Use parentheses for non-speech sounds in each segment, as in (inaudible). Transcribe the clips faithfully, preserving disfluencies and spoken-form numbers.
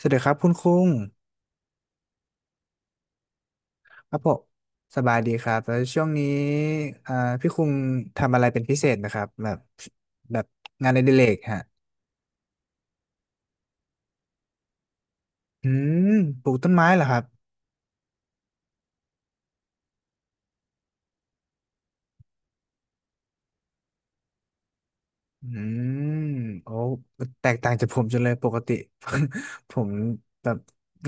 สวัสดีครับคุณคุงครับผมสบายดีครับแล้วช่วงนี้อ่าพี่คุงทำอะไรเป็นพิเศษนะครับแบบแบบงานอดิเรกฮะอืมปลูกต้นไม้เหรอครับอืมโอ้แตกต่างจากผมจังเลยปกติ (laughs) ผมแบบ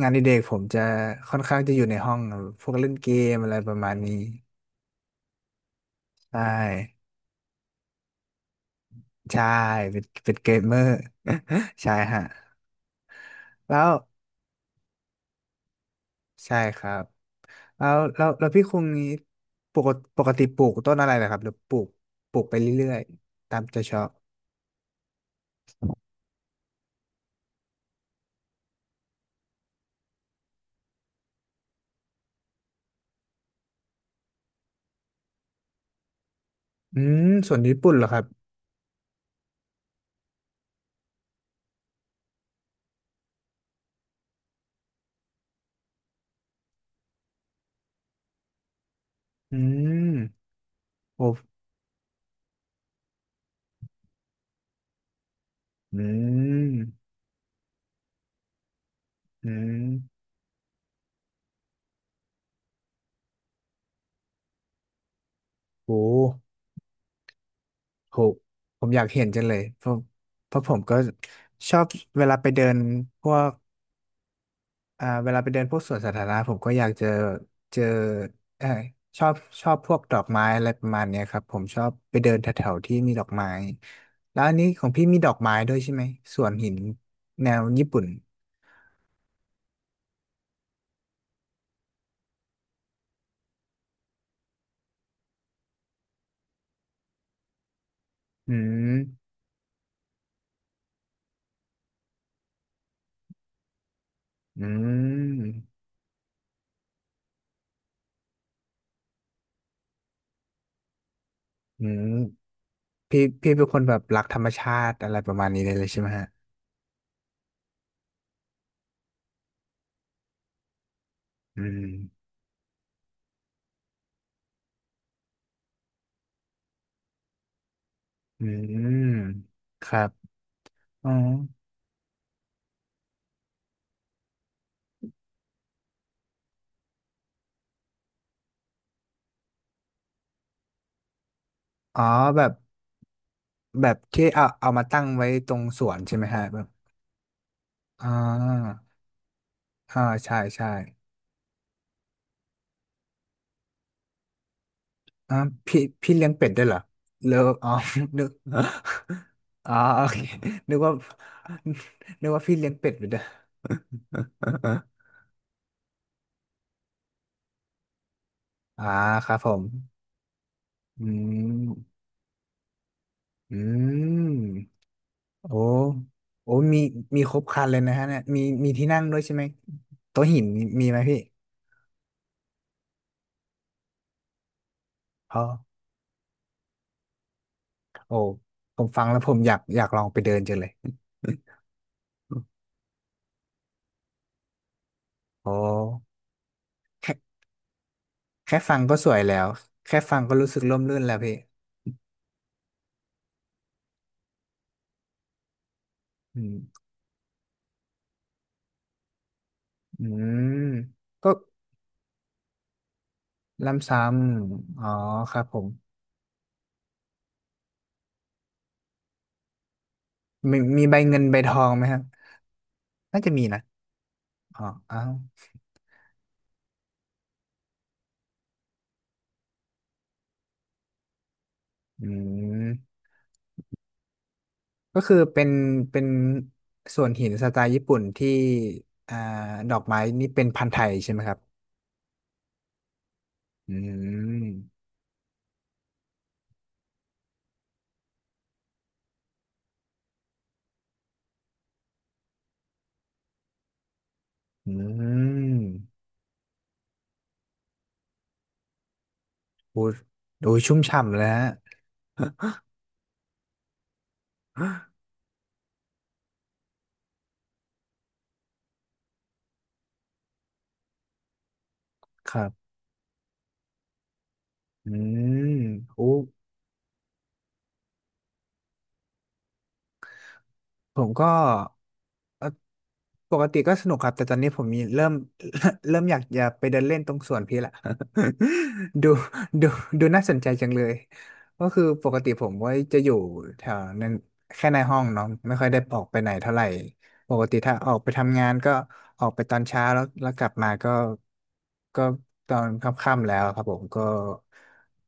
งานอดิเรกผมจะค่อนข้างจะอยู่ในห้องครับพวกเล่นเกมอะไรประมาณนี้ใช่ใช่เป็นเป็นเกมเมอร์ (laughs) ใช่ฮะ แล้วใช่ครับ แล้วแล้วแล้วพี่คงนี้ปกติปกติปลูกต้นอะไรนะครับหรือปลูกปลูกไปเรื่อยๆตามใจชอบอืมส่วนญี่ปุ่นเหรอครับอืมโอ้อืมอืมโหโหผมอยากเห็นจังเลยเพราะเพราะผมก็ชอบเวลาไปเดินพวก อ่าเวลาไปเดินพวกสวนสาธารณะผมก็อยากเจอเจอเออชอบชอบพวกดอกไม้อะไรประมาณเนี้ยครับผมชอบไปเดินแถวๆที่มีดอกไม้แล้วอันนี้ของพี่มีดอกไม้ด้วยใช่ไหมสวนหินแนวญี่ปุ่นอืมอืมอืมพี่พี่เป็นคนแบบรักธรรมชาติอะไรประมาณนี้เลยเลยใช่ไหมฮะอืมอืมครับอ๋ออ๋อแบบแบบที่เอาเอามาตั้งไว้ตรงสวนใช่ไหมฮะแบบอ่า อ่าใช่ใช่อ่าพี่พี่เลี้ยงเป็ดด้วยเหรอเลิกอ๋อ (laughs) นึกอ๋อโอเคนึกว่านึกว่าพี่เลี้ยงเป็ดอยู่ด้วย (laughs) อ่าครับผมอืมอืมโอ้โอ้มีมีครบครันเลยนะฮะเนี่ยมีมีที่นั่งด้วยใช่ไหมโต๊ะหินมีมีไหมพี่อ๋อโอ้ผมฟังแล้วผมอยากอยากลองไปเดินจังเลยโอ้แค่แค่ฟังก็สวยแล้วแค่ฟังก็รู้สึกร่มรื่นแล้วพี่ อืมอืมก็ล้ำซ้ำอ๋อครับผมมีมีใบเงินใบทองไหมครับ น่าจะมีนะอ๋ออ้าวอืมก็คือเป็นเป็นส่วนหินสไตล์ญี่ปุ่นที่อ่าดอกไม้นี่เป็นพันธุ์ไทยใช่ไหมครับอืมอืมโอ้โหชุ่มฉ่ำเลยฮะครับอืมโอ้ ผมก็เอ่อปกติก็สนุกครับแต่ตอนนี้ผมมีเริ่ม (laughs) เริ่มอยากจะไปเดินเล่นตรงสวนพี่ละ (laughs) ดูดูดูน่าสนใจจังเลยก็คือปกติผมไว้จะอยู่แถวนั้นแค่ในห้องเนาะไม่ค่อยได้ออกไปไหนเท่าไหร่ปกติถ้าออกไปทำงานก็ออกไปตอนเช้าแล้วแล้วกลับมาก็ก็ตอนค่ำๆแล้วครับผมก็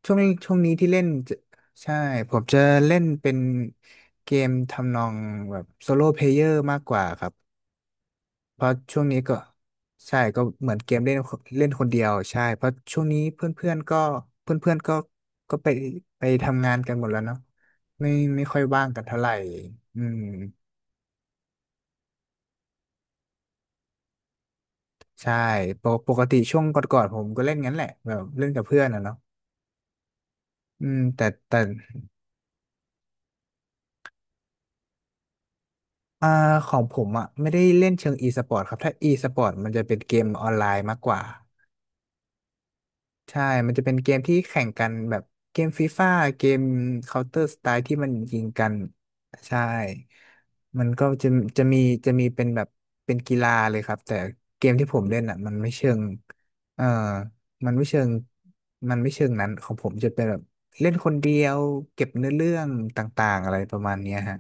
ช่วงช่วงนี้ที่เล่น ใช่ผมจะเล่นเป็นเกมทำนองแบบโซโล่เพลเยอร์มากกว่าครับเพราะช่วงนี้ก็ใช่ก็เหมือนเกมเล่นเล่นคนเดียวใช่เพราะช่วงนี้เพื่อนๆก็เพื่อนๆก็ก็ไปไปทำงานกันหมดแล้วเนาะไม่ไม่ค่อยว่างกันเท่าไหร่อืมใช่ปกปกติช่วงก่อนๆผมก็เล่นงั้นแหละแบบเล่นกับเพื่อนอะเนาะอืมแต่แต่อ่าของผมอ่ะไม่ได้เล่นเชิงอีสปอร์ตครับถ้าอีสปอร์ตมันจะเป็นเกมออนไลน์มากกว่า ใช่มันจะเป็นเกมที่แข่งกันแบบเกมฟีฟ่าเกม Counter Strike ที่มันยิงกันใช่มันก็จะจะมีจะมีเป็นแบบเป็นกีฬาเลยครับแต่เกมที่ผมเล่นอ่ะมันไม่เชิงเอ่อมันไม่เชิงมันไม่เชิงนั้นของผมจะเป็นแบบเล่นคนเดียวเก็บเนื้อเรื่องต่างๆอะไรประมาณเนี้ยฮะ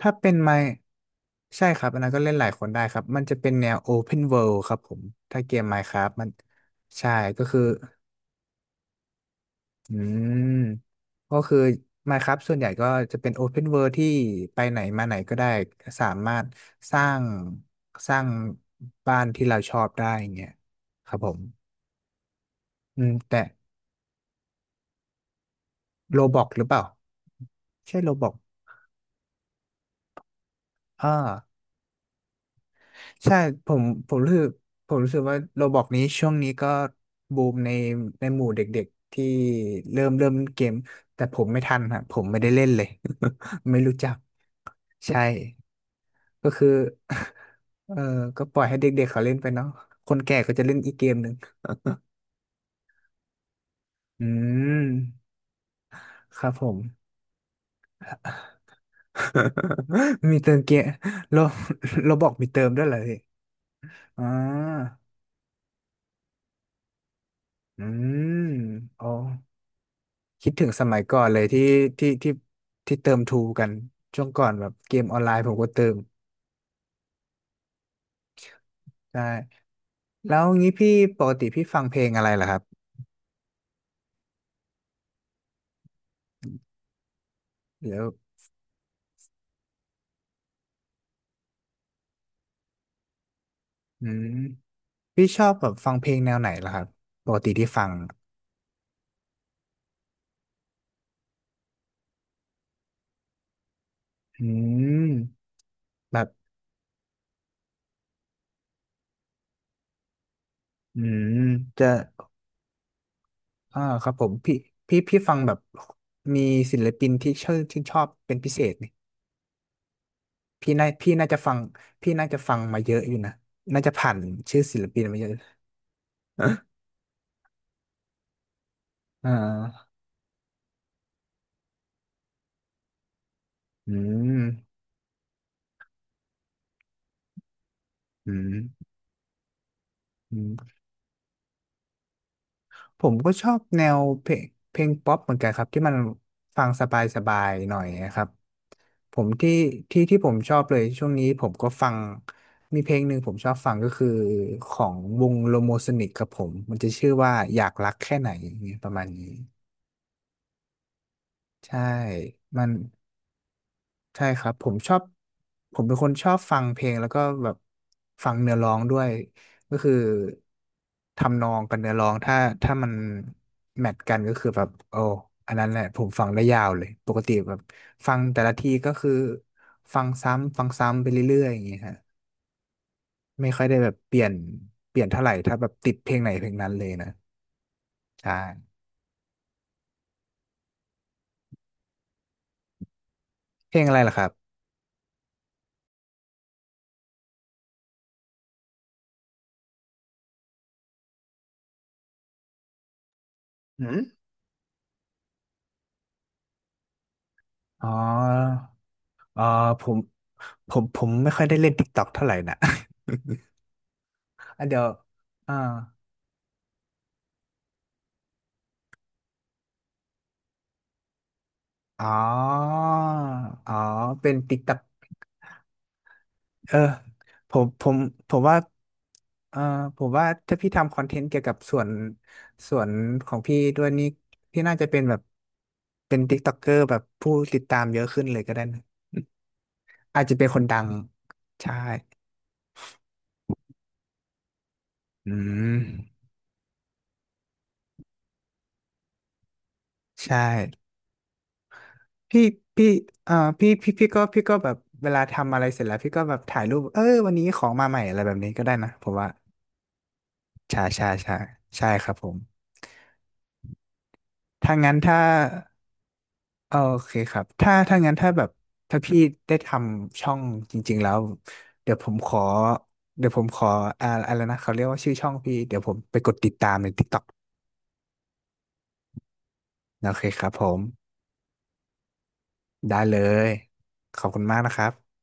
ถ้าเป็นไม่ใช่ครับอันนั้นก็เล่นหลายคนได้ครับมันจะเป็นแนว Open World ครับผมถ้าเกม Minecraft มันใช่ก็คือ อืมก็คือ Minecraft ส่วนใหญ่ก็จะเป็น Open World ที่ไปไหนมาไหนก็ได้สามารถสร้างสร้างบ้านที่เราชอบได้อย่างเงี้ยครับผมอืมแต่โรบอกหรือเปล่าใช่โรบอกอ่าใช่ผมผมรู้สึกผมรู้สึกว่าโรบอกนี้ช่วงนี้ก็บูมในในหมู่เด็กๆที่เริ่มเริ่มเล่นเกมแต่ผมไม่ทันฮะผมไม่ได้เล่นเลย (laughs) ไม่รู้จัก ใช่ ก็คือ (laughs) เออก็ปล่อยให้เด็กๆเขาเล่นไปเนาะคนแก่ก็จะเล่นอีกเกมหนึ่ง (laughs) อืม ครับผม (laughs) มีเติมเกมเรา (laughs) เราบอกมีเติมด้วยเหรอพี่อ่าอืม อ๋อ คิดถึงสมัยก่อนเลยที่ที่ที่ที่เติมทูกัน ช่วงก่อนแบบเกมออนไลน์ผมก็เติม ใช่ แล้วงี้พี่ปกติพี่ฟังเพลงอะไรเหรอครับเดี๋ยวอืม พี่ชอบแบบฟังเพลงแนวไหนล่ะครับปกติที่ฟังอืมแบบอืมจะอ่าครับผมพี่พี่พี่ฟังแบบมีศิลปินที่ชื่อชื่นชอบเป็นพิเศษนี่พี่น่าพี่น่าจะฟังพี่น่าจะฟังมาเยอะอยู่นะน่าจะผ่านชื่อศิลปินมาเยอะอ่าอืมอืมอืม ผมก็ชอบแนวเพลงเพลงป๊อปเหมือนกันครับที่มันฟังสบายๆหน่อยนะครับผมที่ที่ที่ผมชอบเลยช่วงนี้ผมก็ฟังมีเพลงหนึ่งผมชอบฟังก็คือของวงโลโมโซนิกครับผมมันจะชื่อว่าอยากรักแค่ไหนอย่างเงี้ยประมาณนี้ใช่มัน ใช่ครับผมชอบผมเป็นคนชอบฟังเพลงแล้วก็แบบฟังเนื้อร้องด้วยก็คือทำนองกับเนื้อร้องถ้าถ้ามันแมทกันก็คือแบบโอ้อันนั้นแหละผมฟังได้ยาวเลยปกติแบบฟังแต่ละทีก็คือฟังซ้ำฟังซ้ำไปเรื่อยๆอย่างเงี้ยฮะไม่ค่อยได้แบบเปลี่ยนเปลี่ยนเท่าไหร่ถ้าแบบติดเพลงไหนเพลงนั้นเลยนะใช่เพลงอะไรล่ะครับหืมอ๋อเออผมผมผมไม่ค่อยได้เล่น TikTok เท่าไหร่นะ (laughs) อ่ะเดี๋ยวอ่าอ๋ออ๋อเป็นติ๊กตักเออผมผมผมว่าเออผมว่าถ้าพี่ทำคอนเทนต์เกี่ยวกับส่วน ส่วนของพี่ด้วยนี่พี่น่าจะเป็นแบบ เป็นติ๊กต็อกเกอร์แบบผู้ติดตามเยอะขึ้นเลยก็ได้นะอาจจะเป็นคนดัง ใช่อืมใช่ พี่พี่เอ่อพี่พี่พี่ก็พี่ก็แบบเวลาทำอะไรเสร็จแล้วพี่ก็แบบถ่ายรูปเออวันนี้ของมาใหม่อะไรแบบนี้ก็ได้นะ ผมว่า ใช่ใช่ใช่ใช่ครับผมถ้างั้นถ้าเออโอเคครับถ้าถ้างั้นถ้าแบบถ้าพี่ได้ทำช่องจริงๆแล้วเดี๋ยวผมขอเดี๋ยวผมขออ่าอะไรนะเขาเรียกว่าชื่อช่องพี่เดี๋ยวผมไปกดติดตามใน TikTok โอเคครับผมได้เลยขอบคุณมากนะครับ